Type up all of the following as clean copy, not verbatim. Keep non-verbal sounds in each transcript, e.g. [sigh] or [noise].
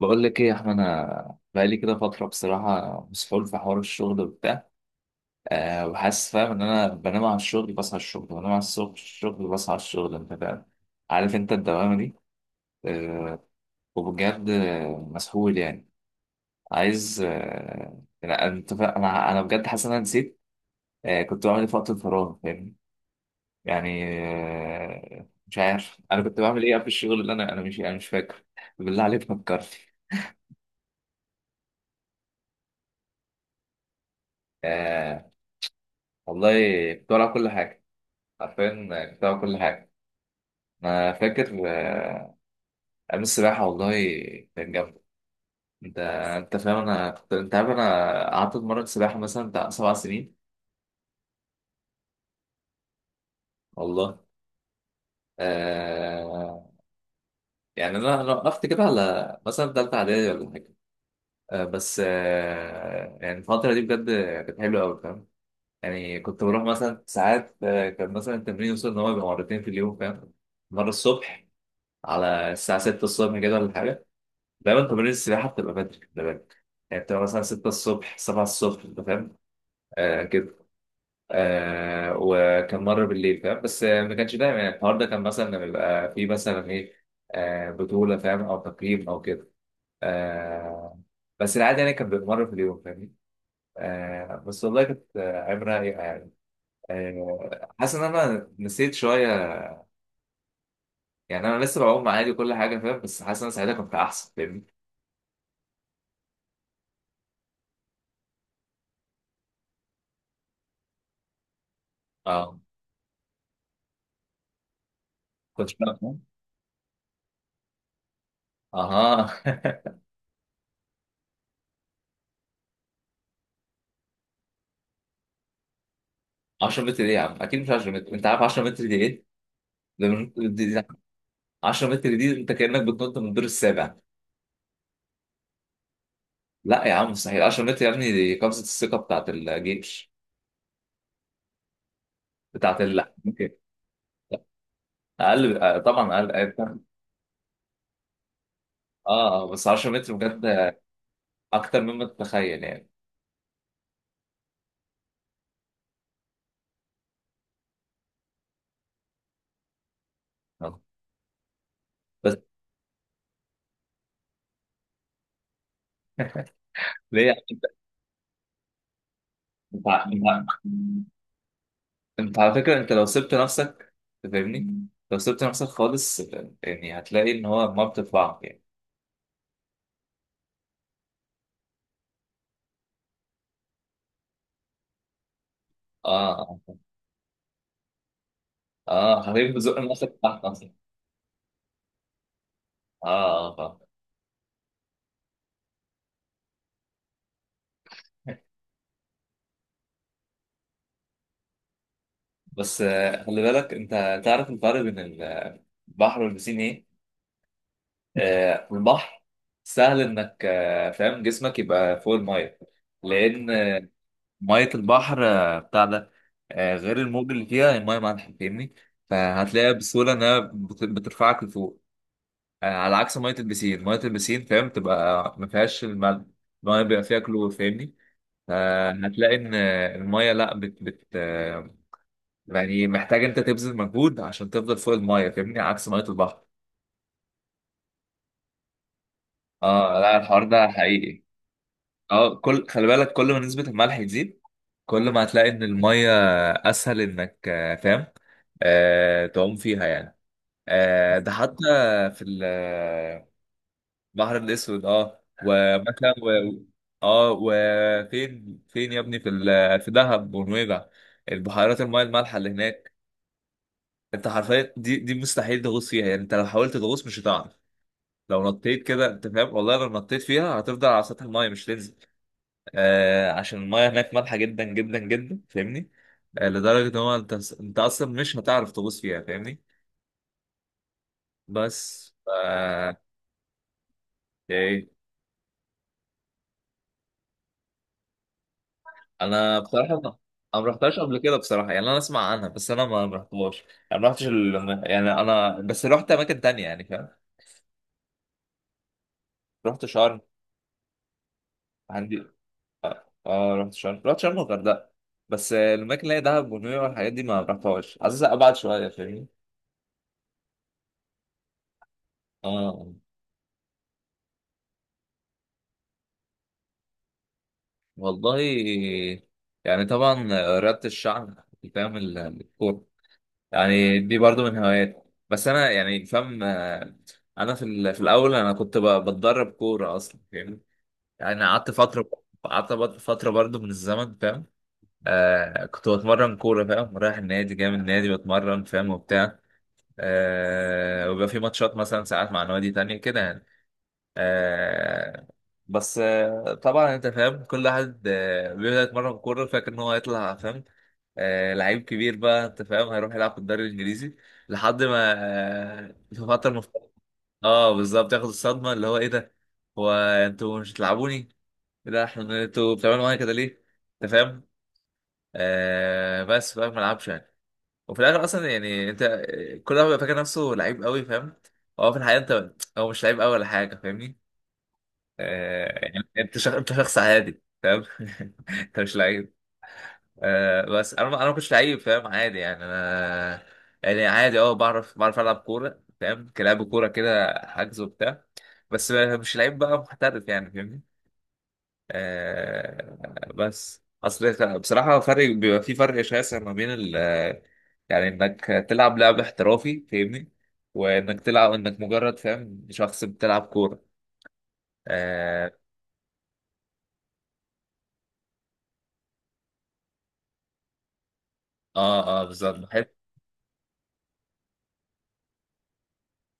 بقول لك ايه يا احمد، انا بقالي كده فتره بصراحه مسحول في حوار الشغل وبتاع. وحاسس فاهم ان انا بنام على الشغل، بصحى على الشغل، بنام على الصبح الشغل بصحى على الشغل، انت فاهم؟ عارف انت الدوامه دي؟ أه وبجد مسحول يعني. عايز لا، انت انا بجد حاسس ان انا نسيت كنت بعمل ايه في وقت الفراغ، فاهمني؟ يعني مش عارف انا كنت بعمل ايه قبل الشغل، اللي انا مش فاكر. بالله عليك فكرتي. أه والله كنت بلعب كل حاجه، حرفيا بتاع كل حاجة. أنا فاكر أيام السباحة والله كانت جامدة. أنت أنت عارف أنا قعدت أتمرن سباحة مثلا بتاع 7 سنين والله. آه... يعني أنا وقفت كده على مثلا تالتة إعدادي ولا حاجة. بس يعني الفترة دي بجد كانت حلوة أوي، فاهم؟ يعني كنت بروح مثلا ساعات، كان مثلا التمرين يوصل إن هو يبقى مرتين في اليوم، فاهم؟ مرة الصبح على الساعة 6 الصبح كده ولا حاجة. دايما تمارين السباحة بتبقى بدري، خلي بالك. يعني بتبقى مثلا 6 الصبح 7 الصبح، أنت فاهم؟ كده. وكان مرة بالليل، فاهم؟ بس ما كانش دايما. يعني الحوار ده كان مثلا لما بيبقى في مثلا إيه، بطولة، فاهم؟ أو تقييم أو كده. آه بس العادة يعني كان بيبقى مرة في اليوم، فاهمني. بس والله كانت عبرة رايقة يعني. حاسس إن أنا نسيت شوية. يعني أنا لسه بعوم عادي وكل حاجة، فاهم؟ بس حاسس إن أنا ساعتها كنت أحسن، فاهمني. أه كنت فاهم. أها. [laughs] 10 متر ايه يا عم؟ اكيد مش 10 متر، انت عارف 10 متر دي ايه؟ ده مش... 10 متر دي انت كانك بتنط من الدور السابع. لا يا عم، مستحيل 10 متر يا ابني، دي قفزه الثقه بتاعت الجيش، بتاعت ال ممكن اقل. طبعا اقل، اه بس 10 متر بجد اكتر مما تتخيل يعني. آه. بس. [laughs] ليه يا عم انت؟ انت انت انت على فكره، انت لو سبت نفسك فاهمني، لو سبت نفسك خالص، يعني هتلاقي ان هو ما بتطلع يعني. اه، اه حبيبي بزق نفسك تحت. اه، اه فاهم. بس خلي بالك، انت تعرف الفرق بين البحر والبسين ايه؟ البحر سهل انك فاهم جسمك يبقى فوق الميه، لان ميه البحر بتاع ده غير الموج اللي فيها، الميه مالحه، فاهمني؟ فهتلاقيها بسهوله انها بترفعك لفوق. على عكس ميه البسين، ميه البسين فاهم تبقى ما فيهاش الملح، الميه بيبقى فيها كلور، فاهمني؟ فهتلاقي ان الميه لا بت بت يعني محتاج انت تبذل مجهود عشان تفضل فوق المايه، فاهمني؟ عكس ميه البحر. اه لا، الحوار ده حقيقي. اه، كل خلي بالك، كل ما نسبة الملح تزيد كل ما هتلاقي ان المية اسهل انك فاهم تعوم فيها يعني. ده حتى في البحر الاسود. اه، ومثلا و... اه وفين فين يا ابني في ال... في دهب ونويبع، البحيرات المياه المالحة اللي هناك انت حرفيا، دي مستحيل تغوص فيها. يعني انت لو حاولت تغوص مش هتعرف، لو نطيت كده انت فاهم، والله لو نطيت فيها هتفضل على سطح المايه مش تنزل. عشان المايه هناك مالحه جدا جدا جدا، فاهمني. لدرجه ان هو انت اصلا مش هتعرف تغوص فيها، فاهمني. بس آه. ايه؟ انا بصراحه ما، أنا ما رحتهاش قبل كده بصراحه، يعني انا اسمع عنها بس انا ما رحتهاش. يعني ما رحتش ال... يعني انا بس رحت اماكن تانية يعني فاهم، رحت شرم. عندي اه، رحت شرم، رحت شرم والغردقه. بس الاماكن اللي هي دهب ونويبع والحاجات دي ما رحتهاش، عايز ابعد شويه فاهمني. اه والله. يعني طبعا رياضة الشعب، فاهم؟ الكورة يعني دي برضو من هواياتي. بس أنا يعني فاهم أنا في في الأول أنا كنت بتدرب كورة أصلا، فاهم؟ يعني قعدت فترة، قعدت فترة برضو من الزمن، فاهم؟ كنت بتمرن كورة، فاهم؟ رايح النادي جاي من النادي بتمرن، فاهم؟ وبتاع. وبيبقى في ماتشات مثلا ساعات مع نوادي تانية كده يعني. آه بس طبعا انت فاهم كل واحد بيبدأ يتمرن كورة فاكر ان هو هيطلع، فاهم؟ لعيب كبير بقى، انت فاهم هيروح يلعب في الدوري الانجليزي لحد ما في فترة مف... اه بالظبط ياخد الصدمة اللي هو ايه ده؟ هو انتوا مش بتلعبوني؟ إيه ده، احنا انتوا بتعملوا معايا كده ليه؟ انت فاهم. بس فاهم ما لعبش يعني. وفي الاخر اصلا يعني انت كل واحد بيبقى فاكر نفسه لعيب قوي، فاهم؟ هو في الحقيقة انت هو مش لعيب قوي ولا حاجة، فاهمني. يعني انت شخ... انت شخص عادي، فاهم؟ [laughs] انت مش لعيب. بس انا ما كنتش لعيب فاهم، عادي يعني انا، يعني عادي اه، بعرف العب كوره فاهم كلاعب كوره كده حجز وبتاع، بس مش لعيب بقى محترف يعني، فاهمني. بس اصل بصراحه فرق بيبقى في فرق شاسع ما بين ال، يعني انك تلعب لعب احترافي، فاهمني؟ وانك تلعب انك مجرد فاهم شخص بتلعب كوره. اه. اه بالظبط.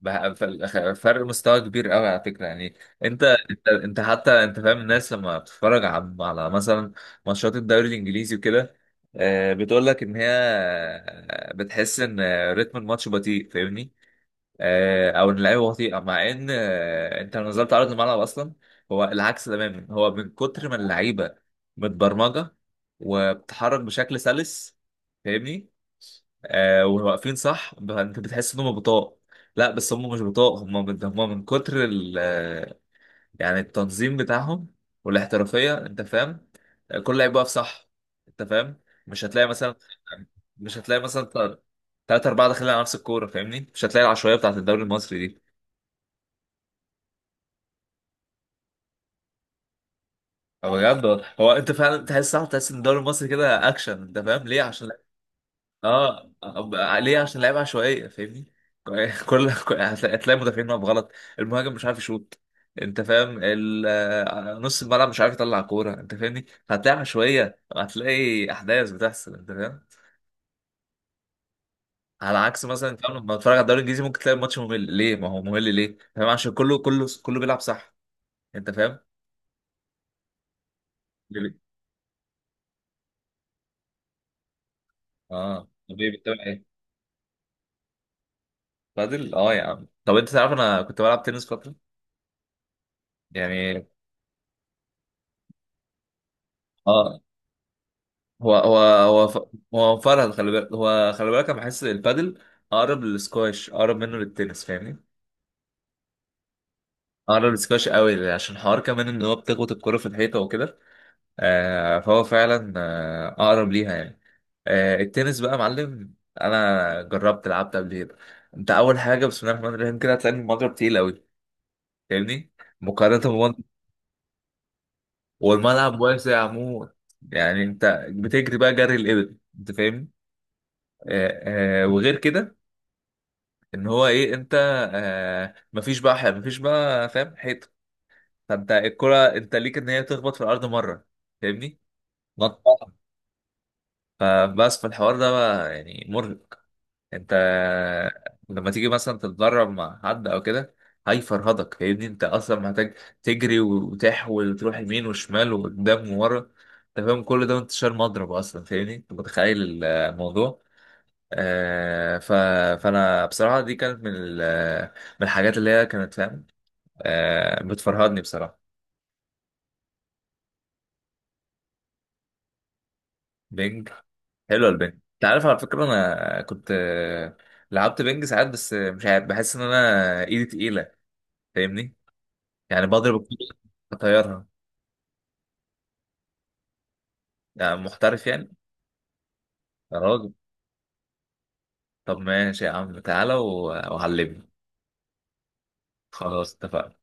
بقى في الآخر فرق مستوى كبير قوي على فكره يعني. انت حتى انت فاهم الناس لما بتتفرج على مثلا ماتشات الدوري الانجليزي وكده بتقول لك ان هي بتحس ان رتم الماتش بطيء، فاهمني؟ او ان اللعيبه بطيئه مع ان انت لو نزلت عرض الملعب اصلا هو العكس تماما، هو من كتر ما اللعيبه متبرمجه وبتتحرك بشكل سلس، فاهمني. واقفين صح انت بتحس ان هم بطاء. لا بس هم مش بطاء، هم من كتر ال يعني التنظيم بتاعهم والاحترافيه، انت فاهم. كل لعيب واقف صح، انت فاهم. مش هتلاقي مثلا مش هتلاقي مثلا تلاتة أربعة داخلين على نفس الكورة، فاهمني. مش هتلاقي العشوائية بتاعت الدوري المصري دي. هو بجد والله. هو أنت فعلا تحس، صح تحس إن الدوري المصري كده أكشن، أنت فاهم ليه؟ عشان اه ليه؟ عشان لعيبه عشوائيه، فاهمني. [laughs] هتلاقي مدافعين واقف غلط، المهاجم مش عارف يشوط، انت فاهم نص الملعب مش عارف يطلع كوره، انت فاهمني. هتلاقي عشوائيه، هتلاقي احداث بتحصل انت فاهم، على عكس مثلا فاهم لما بتتفرج على الدوري الانجليزي ممكن تلاقي الماتش ممل، ليه؟ ما هو ممل ليه فاهم؟ عشان كله بيلعب صح، انت فاهم. بيبي. اه طب ايه بتتابع ايه؟ بادل، اه يا عم. طب انت تعرف انا كنت بلعب تنس فتره يعني. اه هو هو فرهد، خلي بالك. هو خلي بالك انا بحس البادل اقرب للسكواش اقرب منه للتنس، فاهمني. اقرب للسكواش قوي عشان حوار كمان ان هو بتخبط الكرة في الحيطة وكده. فهو فعلا اقرب ليها يعني. التنس بقى يا معلم، انا جربت لعبت قبل كده. انت اول حاجة بسم الله الرحمن الرحيم كده هتلاقي المضرب تقيل قوي، فاهمني. مقارنة بمضرب، والملعب واسع عموما. يعني انت بتجري بقى جري الابل، انت فاهمني. وغير كده ان هو ايه انت. مفيش بقى مفيش بقى فاهم حيطه، فانت الكره انت ليك ان هي تخبط في الارض مره، فاهمني. نط. فبس في الحوار ده بقى يعني مرهق، انت لما تيجي مثلا تتدرب مع حد او كده هيفرهدك، فاهمني. انت اصلا محتاج تجري وتحول وتروح يمين وشمال وقدام وورا، انت فاهم كل ده وانت شايل مضرب اصلا، فاهمني. انت متخيل الموضوع. ف... فانا بصراحه دي كانت من ال... من الحاجات اللي هي كانت فاهم بتفرهدني بصراحة. بينج. حلوة البينج، انت عارف على فكرة، انا كنت لعبت بينج ساعات بس مش عارف بحس ان انا ايدي تقيلة، فاهمني. يعني بضرب الكورة اطيرها. يعني محترف يعني؟ يا راجل، طب ماشي يا عم تعالى وعلمني. خلاص اتفقنا.